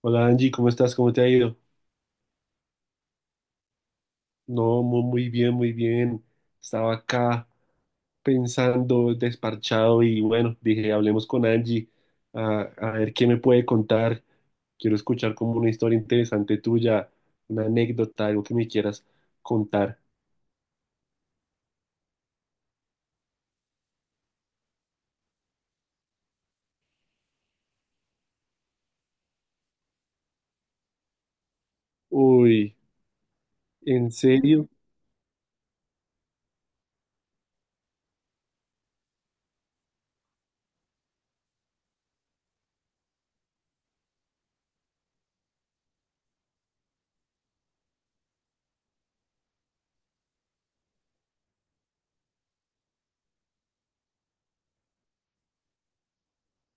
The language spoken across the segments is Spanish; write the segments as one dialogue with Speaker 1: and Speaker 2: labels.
Speaker 1: Hola Angie, ¿cómo estás? ¿Cómo te ha ido? No, muy bien, muy bien. Estaba acá pensando, desparchado y bueno, dije, hablemos con Angie a ver qué me puede contar. Quiero escuchar como una historia interesante tuya, una anécdota, algo que me quieras contar. Uy, ¿en serio?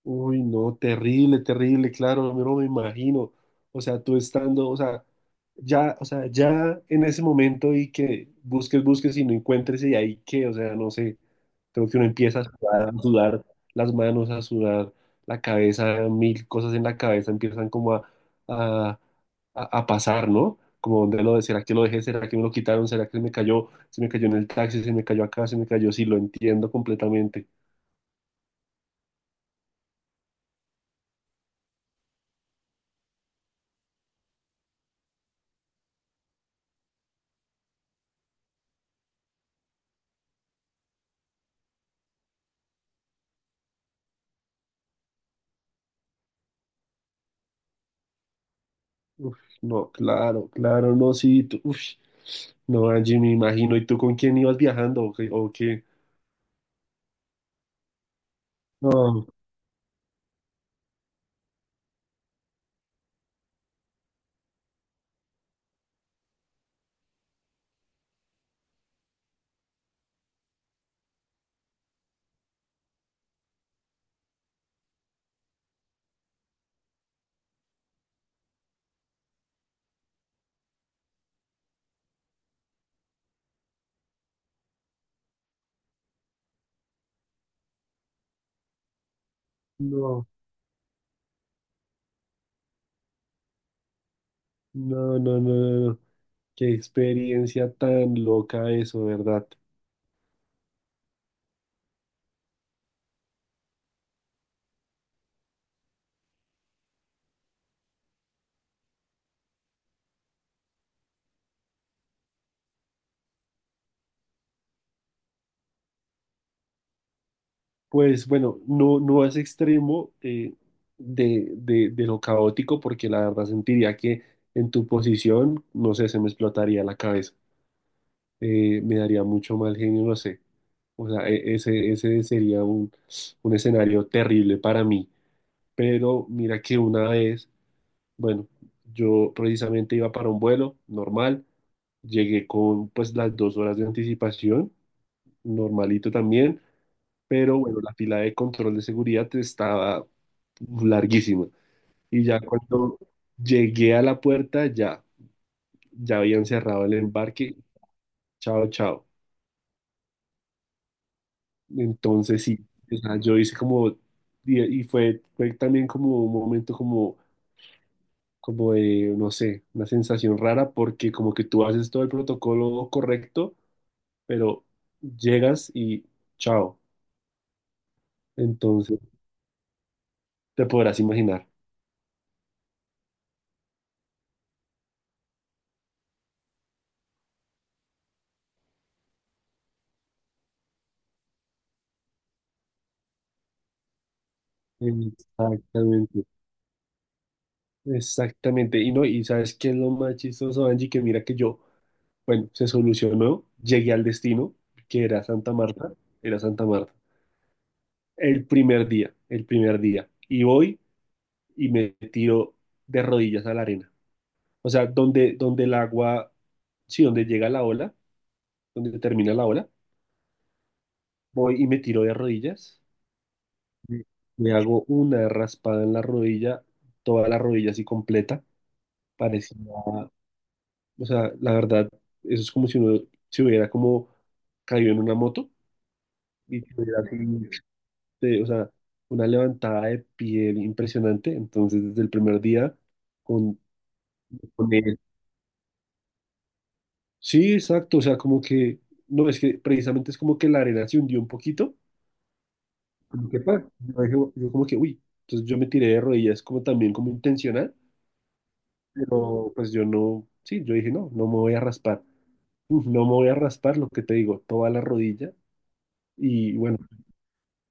Speaker 1: Uy, no, terrible, terrible, claro, yo no me imagino. O sea, tú estando, o sea, ya en ese momento y que busques, busques y no encuentres y ahí que, o sea, no sé, creo que uno empieza a sudar las manos, a sudar la cabeza, mil cosas en la cabeza empiezan como a, a pasar, ¿no? Como dónde lo, será que lo dejé, será que me lo quitaron, será que se me cayó en el taxi, se me cayó acá, se me cayó, sí, lo entiendo completamente. Uf, no, claro, claro, no, sí, tú, uf, no, Angie, me imagino, ¿y tú con quién ibas viajando o qué? No, no, no, no, no, no, no, qué experiencia tan loca eso, ¿verdad? Pues bueno, no, no es extremo de lo caótico, porque la verdad sentiría que en tu posición, no sé, se me explotaría la cabeza, me daría mucho mal genio, no sé, o sea, ese, ese sería un escenario terrible para mí. Pero mira que una vez, bueno, yo precisamente iba para un vuelo normal, llegué con pues las dos horas de anticipación, normalito también, pero bueno, la fila de control de seguridad estaba larguísima y ya cuando llegué a la puerta ya, ya habían cerrado el embarque, chao, chao. Entonces sí, o sea, yo hice como, y fue, fue también como un momento como como de, no sé, una sensación rara porque como que tú haces todo el protocolo correcto, pero llegas y chao. Entonces, te podrás imaginar. Exactamente, exactamente. Y no, y sabes qué es lo más chistoso, Angie, que mira que yo, bueno, se solucionó, llegué al destino, que era Santa Marta, era Santa Marta. El primer día, el primer día. Y voy y me tiro de rodillas a la arena. O sea, donde, donde el agua, sí, donde llega la ola, donde termina la ola, voy y me tiro de rodillas, me me hago una raspada en la rodilla, toda la rodilla así completa, parecía, o sea, la verdad, eso es como si uno se hubiera como caído en una moto y tuviera así, o sea, una levantada de piel impresionante, entonces desde el primer día con, con él. Sí, exacto, o sea, como que, no, es que precisamente es como que la arena se hundió un poquito como que pa, yo, dije, yo como que, uy, entonces yo me tiré de rodillas como también como intencional, pero pues yo no, sí, yo dije, no, no me voy a raspar. Uf, no me voy a raspar, lo que te digo, toda la rodilla, y bueno,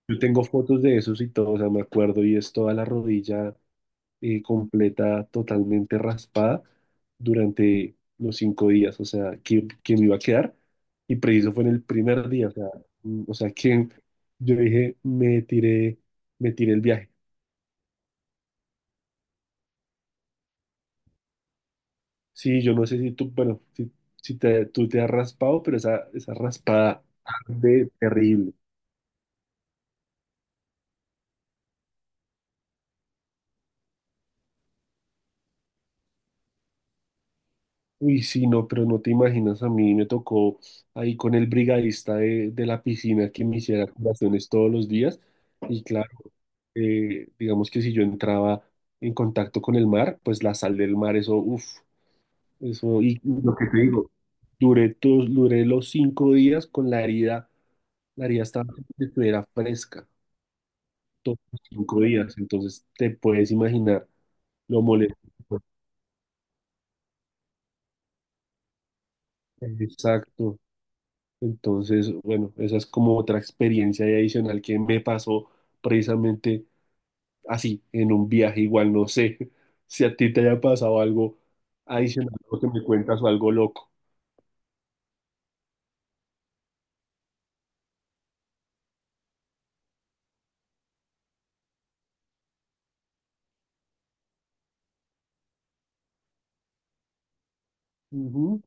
Speaker 1: yo tengo fotos de esos y todo, o sea, me acuerdo, y es toda la rodilla completa, totalmente raspada durante los cinco días, o sea, que me iba a quedar, y preciso fue en el primer día, o sea, mm, o sea, que yo dije, me tiré el viaje. Sí, yo no sé si tú, bueno, si, si te, tú te has raspado, pero esa raspada arde terrible. Uy, sí, no, pero no te imaginas, a mí me tocó ahí con el brigadista de la piscina que me hiciera curaciones todos los días. Y claro, digamos que si yo entraba en contacto con el mar, pues la sal del mar, eso, uff, eso, y lo que te digo, duré, duré los cinco días con la herida estaba, como si estuviera fresca. Todos los cinco días, entonces te puedes imaginar lo molesto. Exacto. Entonces, bueno, esa es como otra experiencia ahí adicional que me pasó precisamente así, en un viaje igual, no sé si a ti te haya pasado algo adicional, lo que me cuentas o algo loco. Ujú,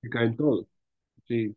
Speaker 1: que caen todos. Sí.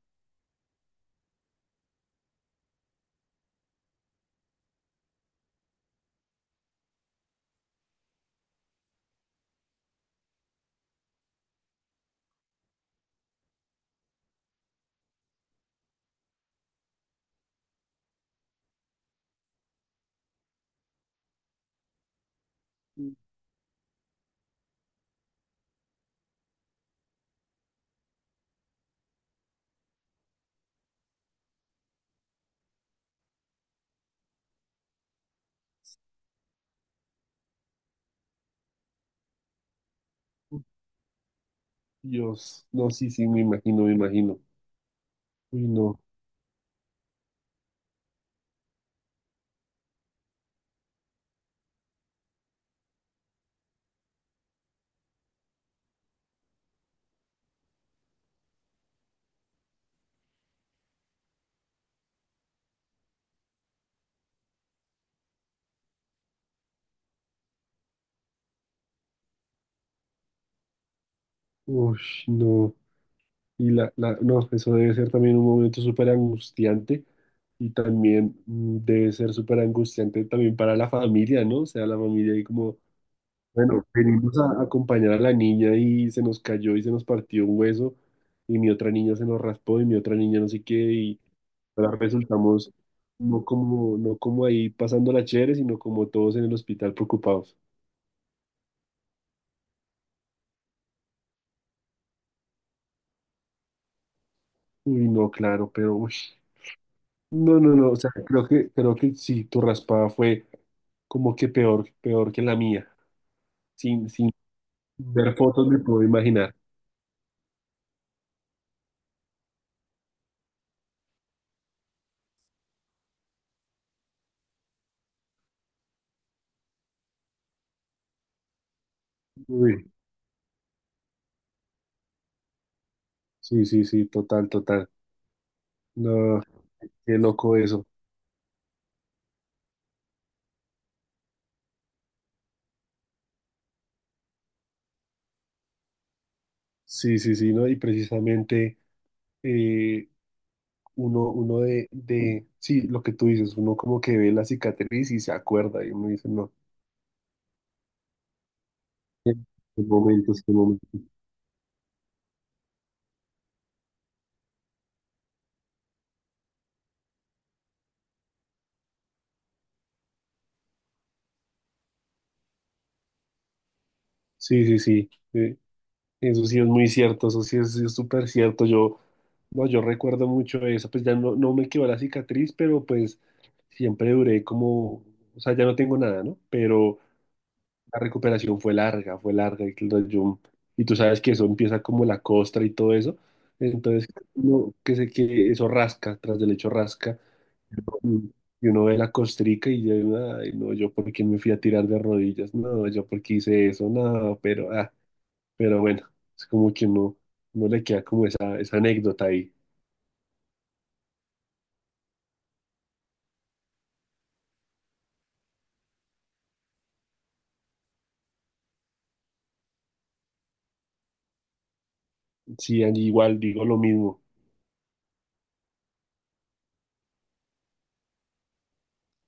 Speaker 1: Dios, no, sí, sí, me imagino, me imagino. Uy, no. Uy, no. Y no, eso debe ser también un momento súper angustiante y también debe ser súper angustiante también para la familia, ¿no? O sea, la familia ahí como, bueno, venimos a acompañar a la niña y se nos cayó y se nos partió un hueso y mi otra niña se nos raspó y mi otra niña no sé qué y ahora resultamos no como, no como ahí pasando la chévere, sino como todos en el hospital preocupados. Uy, no, claro, pero uy. No, no, no, o sea, creo que sí, tu raspada fue como que peor, peor que la mía. Sin, sin ver fotos me puedo imaginar. Uy, sí, sí, sí, total, total. No, qué loco eso. Sí, sí, sí, ¿no? Y precisamente eh, uno, uno de, sí, lo que tú dices, uno como que ve la cicatriz y se acuerda y uno dice, no, qué qué momentos, qué momentos. Sí, sí, sí. eh, Eso sí es muy cierto, eso sí es súper cierto. Yo, no, yo recuerdo mucho eso, pues ya no, no me quedó la cicatriz, pero pues siempre duré como, o sea, ya no tengo nada, ¿no? Pero la recuperación fue larga, fue larga. Y tú sabes que eso empieza como la costra y todo eso. Entonces, no, que sé que eso rasca, tras del hecho rasca. Y y uno ve la costrica y yo, ay, no, yo por qué me fui a tirar de rodillas, no, yo por qué hice eso, no, pero... ah. Pero bueno, es como que uno, uno le queda como esa anécdota ahí. Sí, allí igual digo lo mismo.